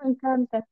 Me encanta.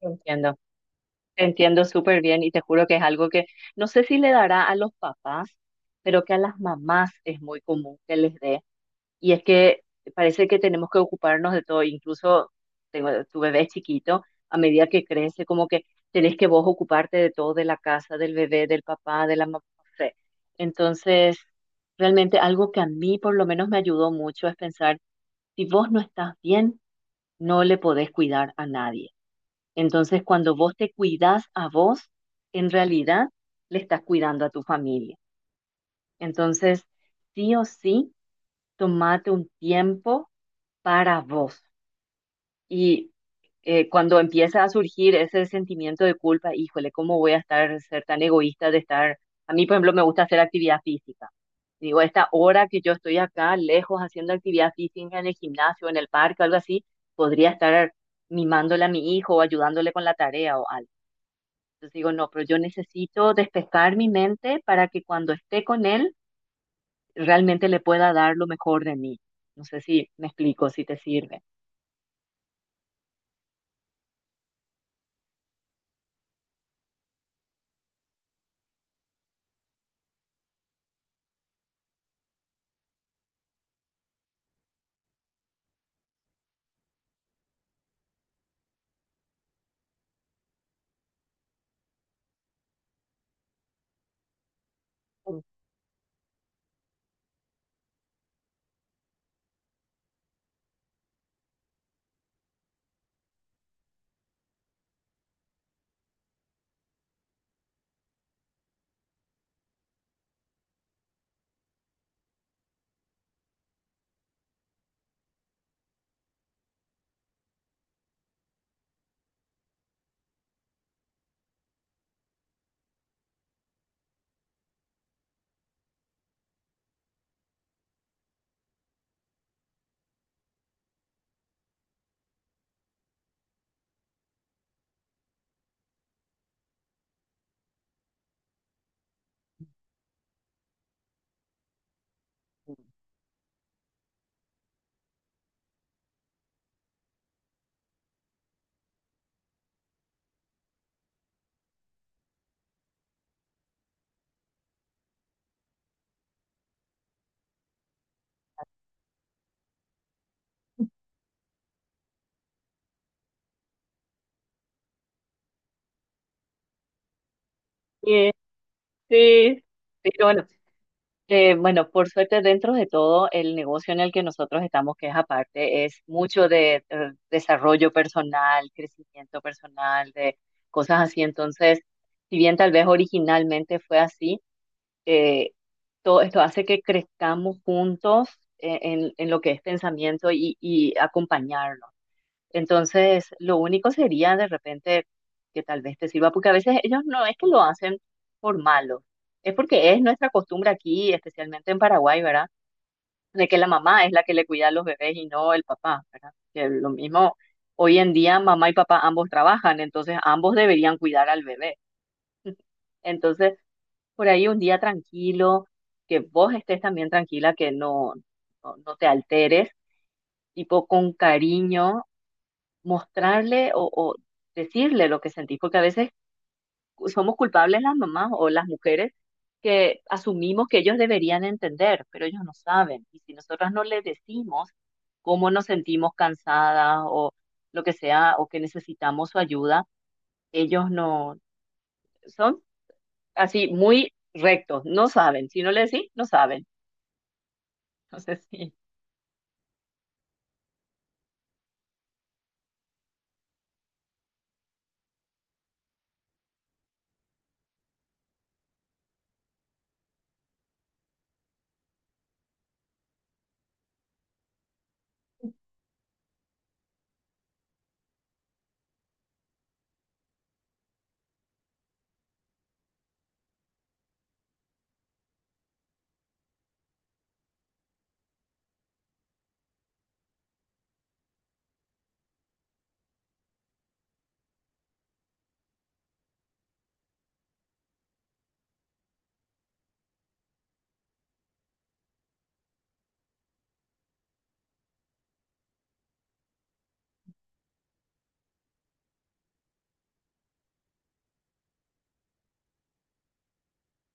Te Entiendo, te entiendo súper bien y te juro que es algo que no sé si le dará a los papás, pero que a las mamás es muy común que les dé. Y es que parece que tenemos que ocuparnos de todo, incluso tu bebé es chiquito, a medida que crece, como que tenés que vos ocuparte de todo, de la casa, del bebé, del papá, de la mamá. No sé. Entonces, realmente algo que a mí por lo menos me ayudó mucho es pensar, si vos no estás bien, no le podés cuidar a nadie. Entonces, cuando vos te cuidás a vos, en realidad le estás cuidando a tu familia. Entonces, sí o sí, tomate un tiempo para vos. Y cuando empieza a surgir ese sentimiento de culpa, híjole, ¿cómo voy a estar, ser tan egoísta de estar? A mí, por ejemplo, me gusta hacer actividad física. Digo, esta hora que yo estoy acá, lejos, haciendo actividad física en el gimnasio, en el parque, algo así, podría estar mimándole a mi hijo o ayudándole con la tarea o algo. Entonces digo, no, pero yo necesito despejar mi mente para que cuando esté con él realmente le pueda dar lo mejor de mí. No sé si me explico, si te sirve. Sí, sí. Pero bueno, bueno, por suerte dentro de todo el negocio en el que nosotros estamos, que es aparte, es mucho de desarrollo personal, crecimiento personal, de cosas así. Entonces, si bien tal vez originalmente fue así, eh, todo esto hace que crezcamos juntos en lo que es pensamiento y acompañarnos. Entonces, lo único sería de repente que tal vez te sirva, porque a veces ellos no es que lo hacen por malo, es porque es nuestra costumbre aquí, especialmente en Paraguay, ¿verdad? De que la mamá es la que le cuida a los bebés y no el papá, ¿verdad? Que lo mismo, hoy en día mamá y papá ambos trabajan, entonces ambos deberían cuidar al bebé. Entonces, por ahí un día tranquilo, que vos estés también tranquila, que no, no, no te alteres, tipo con cariño, mostrarle o decirle lo que sentís, porque a veces somos culpables las mamás o las mujeres que asumimos que ellos deberían entender, pero ellos no saben. Y si nosotras no les decimos cómo nos sentimos cansadas o lo que sea, o que necesitamos su ayuda, ellos no son así muy rectos, no saben. Si no le decís, no saben. No sé si.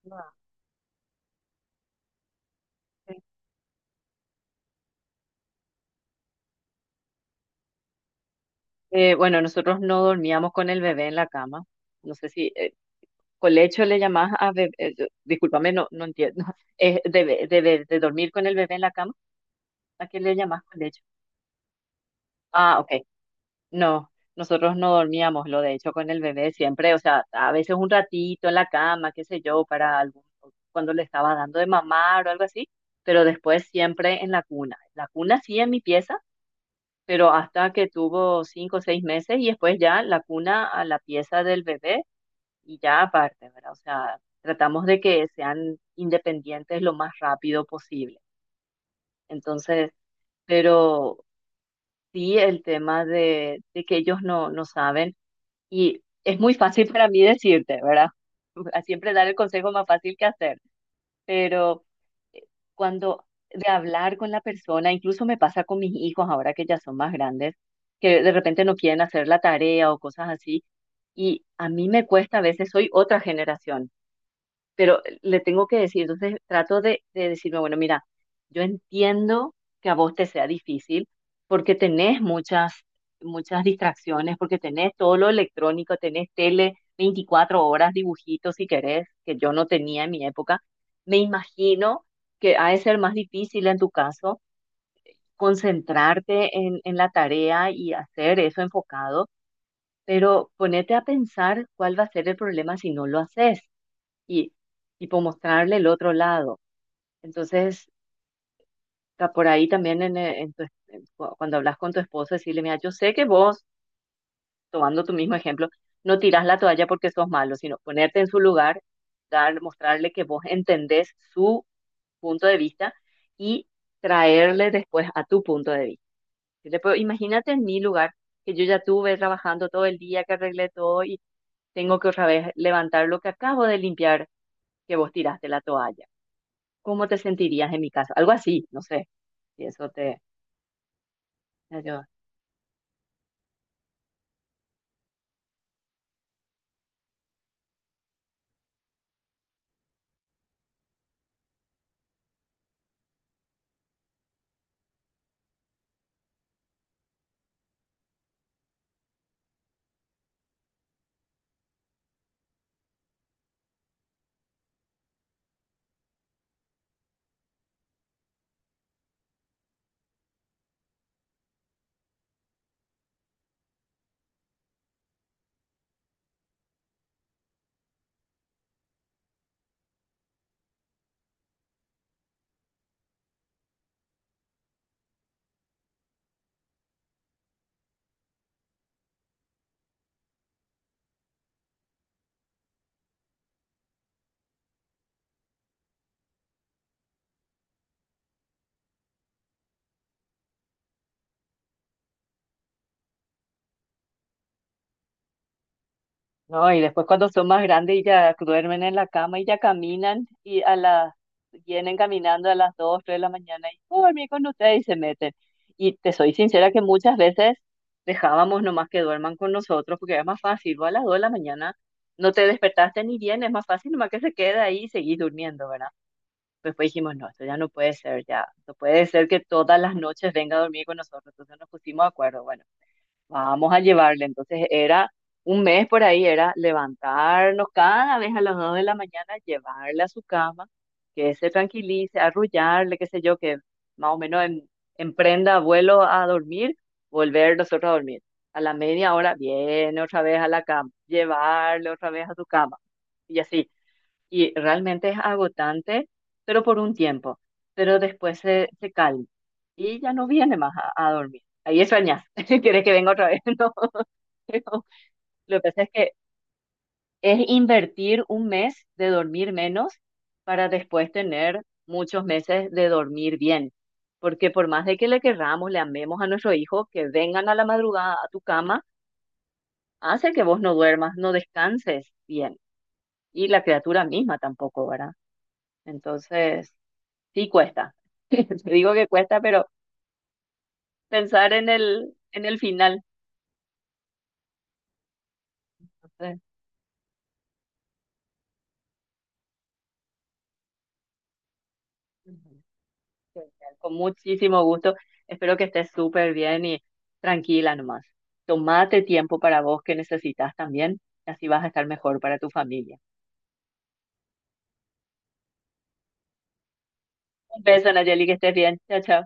No. Bueno, nosotros no dormíamos con el bebé en la cama. No sé si colecho le llamás a bebé. Discúlpame, no, no entiendo. De dormir con el bebé en la cama, ¿a qué le llamás colecho? Ah, ok. No, nosotros no dormíamos, lo de hecho, con el bebé siempre. O sea, a veces un ratito en la cama, qué sé yo, para algún, cuando le estaba dando de mamar o algo así. Pero después siempre en la cuna. La cuna sí en mi pieza pero hasta que tuvo 5 o 6 meses y después ya la cuna a la pieza del bebé y ya aparte, ¿verdad? O sea, tratamos de que sean independientes lo más rápido posible. Entonces, pero sí el tema de, que ellos no, no saben y es muy fácil para mí decirte, ¿verdad? Siempre dar el consejo más fácil que hacer, pero eh, cuando de hablar con la persona, incluso me pasa con mis hijos ahora que ya son más grandes, que de repente no quieren hacer la tarea o cosas así, y a mí me cuesta a veces, soy otra generación, pero le tengo que decir. Entonces trato de decirme, bueno, mira, yo entiendo que a vos te sea difícil porque tenés muchas, muchas distracciones, porque tenés todo lo electrónico, tenés tele 24 horas, dibujitos si querés, que yo no tenía en mi época. Me imagino que ha de ser más difícil en tu caso concentrarte en la tarea y hacer eso enfocado, pero ponete a pensar cuál va a ser el problema si no lo haces y por mostrarle el otro lado. Entonces, por ahí también en tu es- en cu- cuando hablas con tu esposo, decirle, mira, yo sé que vos, tomando tu mismo ejemplo, no tirás la toalla porque sos malo, sino ponerte en su lugar, dar, mostrarle que vos entendés su punto de vista y traerle después a tu punto de vista. Decirle, "Pero imagínate en mi lugar, que yo ya tuve trabajando todo el día, que arreglé todo y tengo que otra vez levantar lo que acabo de limpiar, que vos tiraste la toalla. ¿Cómo te sentirías en mi caso?" Algo así, no sé. Y eso te ayuda. No, y después cuando son más grandes y ya duermen en la cama y ya caminan y a las, vienen caminando a las 2, 3 de la mañana y "Oh, dormí con ustedes" y se meten. Y te soy sincera que muchas veces dejábamos nomás que duerman con nosotros porque es más fácil, vos a las 2 de la mañana no te despertaste ni bien, es más fácil nomás que se quede ahí y seguís durmiendo, ¿verdad? Después dijimos, no, esto ya no puede ser, ya, no puede ser que todas las noches venga a dormir con nosotros, entonces nos pusimos de acuerdo, bueno, vamos a llevarle. Entonces era un mes por ahí, era levantarnos cada vez a las 2 de la mañana, llevarle a su cama, que se tranquilice, arrullarle, qué sé yo, que más o menos emprenda vuelo a dormir, volver nosotros a dormir. A la media hora viene otra vez a la cama, llevarle otra vez a su cama. Y así, y realmente es agotante, pero por un tiempo, pero después se calma y ya no viene más a dormir. Ahí extrañas, si quieres que venga otra vez, no, pero lo que pasa es que es invertir un mes de dormir menos para después tener muchos meses de dormir bien. Porque por más de que le querramos, le amemos a nuestro hijo, que vengan a la madrugada a tu cama, hace que vos no duermas, no descanses bien. Y la criatura misma tampoco, ¿verdad? Entonces, sí cuesta. Te digo que cuesta, pero pensar en el final. Entonces, ujú. Genial, con muchísimo gusto. Espero que estés súper bien y tranquila nomás. Tomate tiempo para vos que necesitas también. Así vas a estar mejor para tu familia. Un beso, Nayeli, que estés bien. Chao, chao.